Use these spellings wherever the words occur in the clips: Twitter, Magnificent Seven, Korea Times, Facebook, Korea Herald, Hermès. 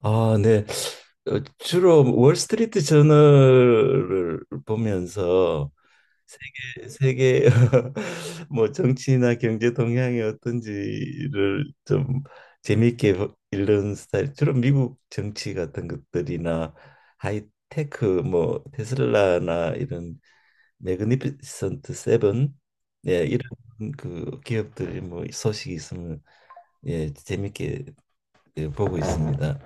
아, 네. 주로 월스트리트 저널을 보면서 세계 뭐 정치나 경제 동향이 어떤지를 좀 재미있게 읽는 스타일. 주로 미국 정치 같은 것들이나 하이테크 뭐 테슬라나 이런 매그니피센트 세븐. 예, 이런 그 기업들이 뭐 소식이 있으면 예, 재미있게 예, 보고 있습니다.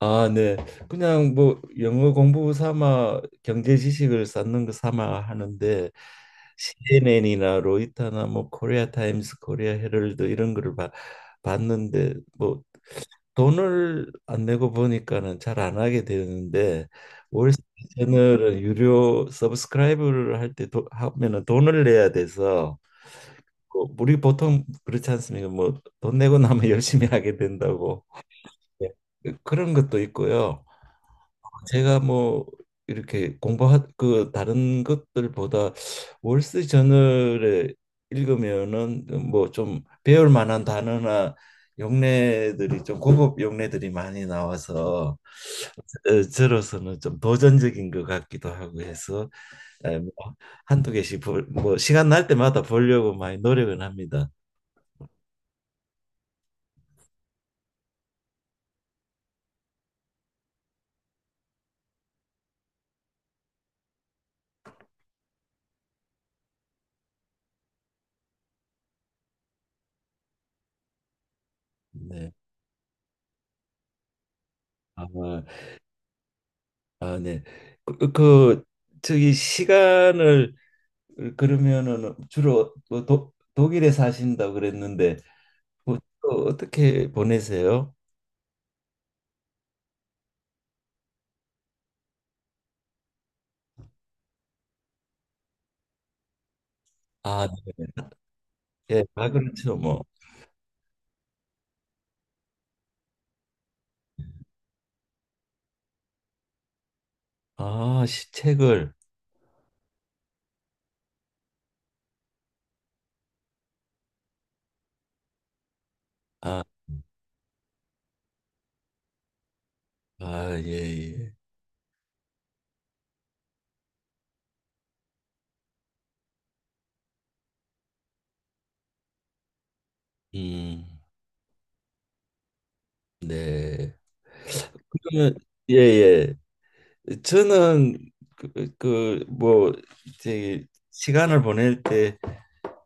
아, 네. 그냥 뭐 영어 공부 삼아 경제 지식을 쌓는 거 삼아 하는데 CNN이나 로이터나 뭐 코리아 타임스, 코리아 헤럴드 이런 거를 봤는데 뭐 돈을 안 내고 보니까는 잘 안 하게 되는데, 월스트리트저널은 유료 서브스크라이브를 할 때 하면은 돈을 내야 돼서. 그 우리 보통 그렇지 않습니까? 뭐 돈 내고 나면 열심히 하게 된다고. 네. 그런 것도 있고요. 제가 뭐 이렇게 공부하 그 다른 것들보다 월스 저널에 읽으면은 뭐 좀 배울 만한 단어나 용례들이 좀 고급 용례들이 많이 나와서 저로서는 좀 도전적인 것 같기도 하고 해서 뭐 뭐 시간 날 때마다 보려고 많이 노력은 합니다. 네. 아, 아 네. 그, 그 저기 시간을 러면은 주로 뭐 독일에 사신다고 그랬는데 뭐 주로 어떻게 보내세요? 아, 네. 예, 아 그렇죠 뭐. 아, 책을. 아, 아, 예, 예. 음, 네. 그러면 예, 예. 저는 그, 그, 뭐, 저기 시간을 보낼 때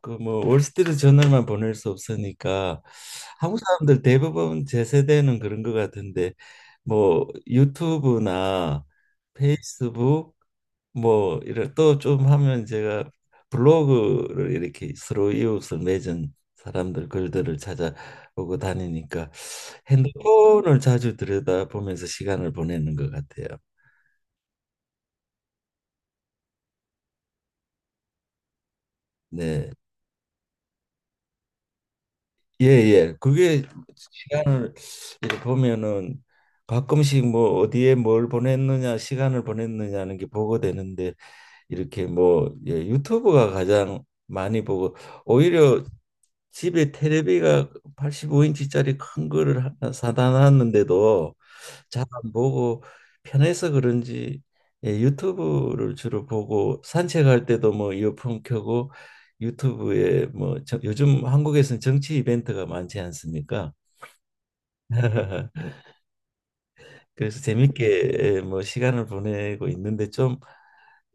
그 뭐 월스트리트 저널만 보낼 수 없으니까 한국 사람들 대부분 제 세대는 그런 것 같은데 뭐 유튜브나 페이스북 뭐 이런 또 좀 하면, 제가 블로그를 이렇게 서로 이웃을 맺은 사람들 글들을 찾아보고 다니니까 핸드폰을 자주 들여다보면서 시간을 보내는 것 같아요. 네. 예예, 그게 시간을 이렇게 보면은 가끔씩 뭐 어디에 뭘 보냈느냐, 시간을 보냈느냐는 게 보고 되는데 이렇게 뭐 예, 유튜브가 가장 많이 보고, 오히려 집에 테레비가 85인치짜리 큰 거를 하나 사다 놨는데도 잘 안 보고 편해서 그런지 예, 유튜브를 주로 보고, 산책할 때도 뭐 이어폰 켜고 유튜브에 뭐 요즘 한국에서는 정치 이벤트가 많지 않습니까? 그래서 재밌게 예, 뭐 시간을 보내고 있는데 좀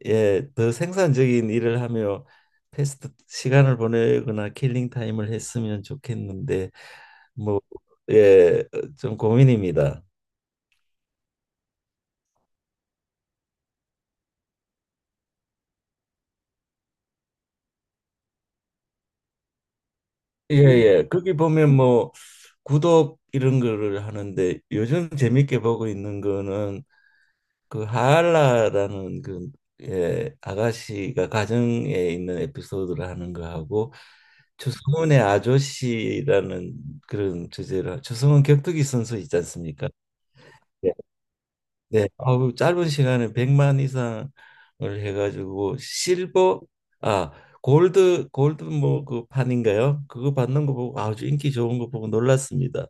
예, 더 생산적인 일을 하며 패스트 시간을 보내거나 킬링 타임을 했으면 좋겠는데 뭐 예, 좀 고민입니다. 예, 예. 거기 보면 뭐 구독 이런 거를 하는데, 요즘 재밌게 보고 있는 거는 그 하알라라는 그 예, 아가씨가 가정에 있는 에피소드를 하는 거 하고, 조성은의 아저씨라는 그런 주제로, 조성은 격투기 선수 있지 않습니까? 네, 아우 짧은 시간에 100만 이상을 해가지고 실버, 아 골드 뭐 그 판인가요? 그거 받는 거 보고 아주 인기 좋은 거 보고 놀랐습니다.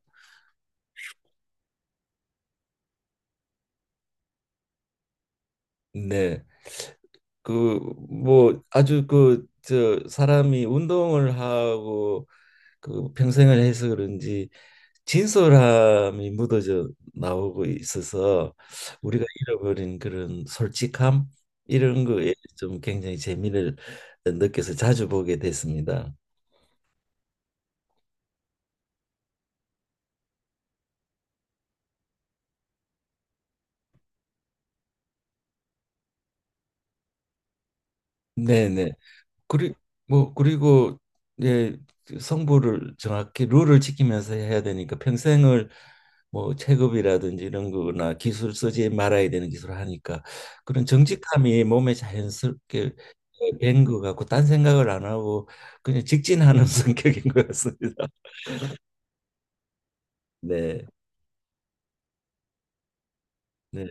네, 그 뭐 아주 그 저 사람이 운동을 하고 그 평생을 해서 그런지 진솔함이 묻어져 나오고 있어서 우리가 잃어버린 그런 솔직함 이런 거에 좀 굉장히 재미를 느껴서 자주 보게 됐습니다. 네네. 그리 뭐 그리고 이제 성부를 정확히 룰을 지키면서 해야 되니까, 평생을 뭐 체급이라든지 이런 거나 기술, 쓰지 말아야 되는 기술을 하니까 그런 정직함이 몸에 자연스럽게 밴것 같고 딴 생각을 안 하고 그냥 직진하는 성격인 것 같습니다. 네. 네.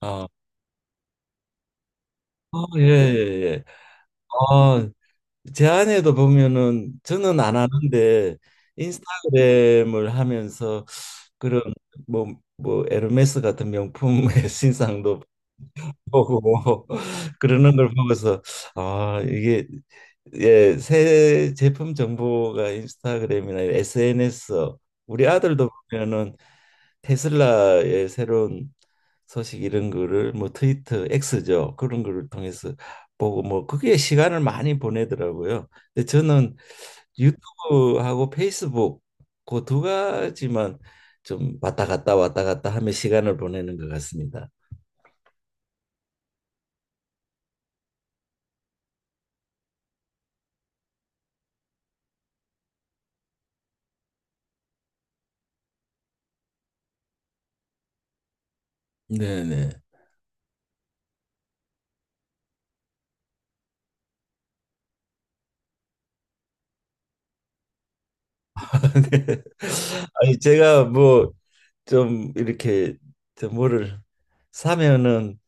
아, 예, 예, 예. 아, 제 아내도 보면은 저는 안 네. 하는데 인스타그램을 하면서 그런 뭐 뭐 에르메스 같은 명품의 신상도 보고 그러는 걸 보고서 아 이게 예, 새 제품 정보가 인스타그램이나 SNS, 우리 아들도 보면은 테슬라의 새로운 소식 이런 거를 뭐 트위터 X죠, 그런 거를 통해서 보고 뭐 그게 시간을 많이 보내더라고요. 근데 저는 유튜브하고 페이스북 그 두 가지만 좀 왔다 갔다 왔다 갔다 하며 시간을 보내는 것 같습니다. 네네. 네. 아니 제가 뭐 좀 이렇게 저 뭐를 사면은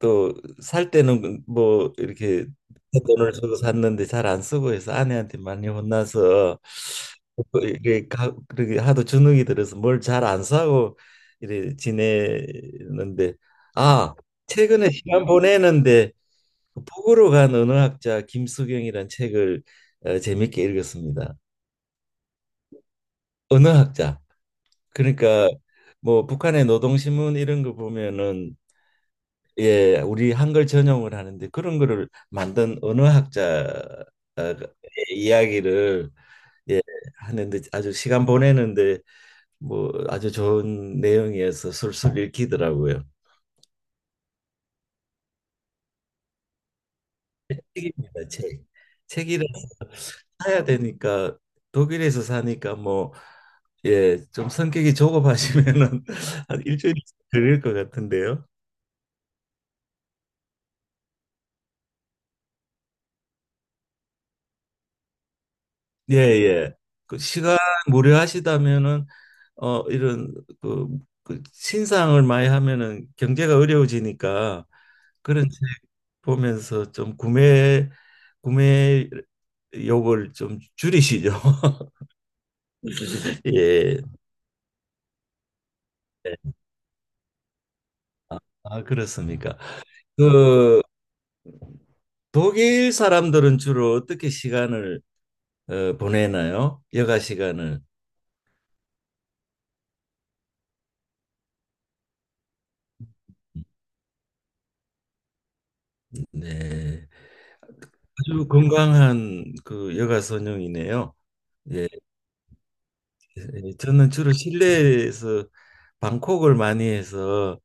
또 살 때는 뭐 이렇게 돈을 주고 샀는데 잘 안 쓰고 해서 아내한테 많이 혼나서 또 이게 그렇게 하도 주눅이 들어서 뭘 잘 안 사고 이래 지내는데, 아 최근에 시간 보내는데 그 북으로 간 언어학자 김수경이란 책을 어, 재밌게 읽었습니다. 언어학자. 그러니까 뭐 북한의 노동신문 이런 거 보면은 예, 우리 한글 전용을 하는데 그런 거를 만든 언어학자의 이야기를 예, 하는데 아주 시간 보내는데 뭐 아주 좋은 내용이어서 술술 읽히더라고요. 책입니다, 책. 책이라서 사야 되니까 독일에서 사니까 뭐 예, 좀 성격이 조급하시면은 한 일주일 걸릴 것 같은데요. 예, 예. 그 시간 무료하시다면은 어 이런 그, 그 신상을 많이 하면은 경제가 어려워지니까 그런 집 보면서 좀 구매 욕을 좀 줄이시죠. 예. 네. 아, 그렇습니까? 그 독일 사람들은 주로 어떻게 시간을 어, 보내나요? 여가 시간을. 네. 아주 건강한 그 여가 선용이네요. 예. 예, 저는 주로 실내에서 방콕을 많이 해서,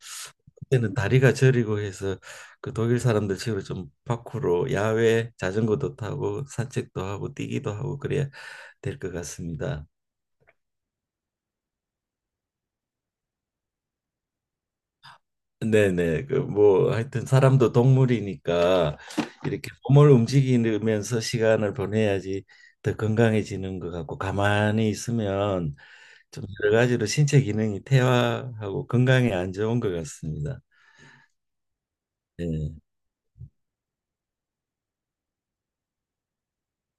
그때는 다리가 저리고 해서 그 독일 사람들처럼 좀 밖으로 야외 자전거도 타고 산책도 하고 뛰기도 하고 그래야 될 것 같습니다. 네네 그 뭐 하여튼 사람도 동물이니까 이렇게 몸을 움직이면서 시간을 보내야지 더 건강해지는 것 같고, 가만히 있으면 좀 여러 가지로 신체 기능이 퇴화하고 건강에 안 좋은 것 같습니다. 예.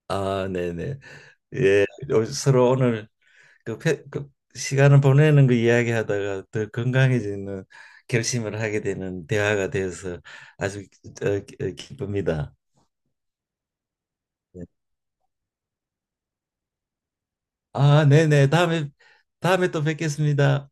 아, 네네. 예, 서로 오늘 그 시간을 보내는 거 이야기하다가 더 건강해지는 결심을 하게 되는 대화가 되어서 아주 기쁩니다. 예. 아, 네네. 다음에 또 뵙겠습니다.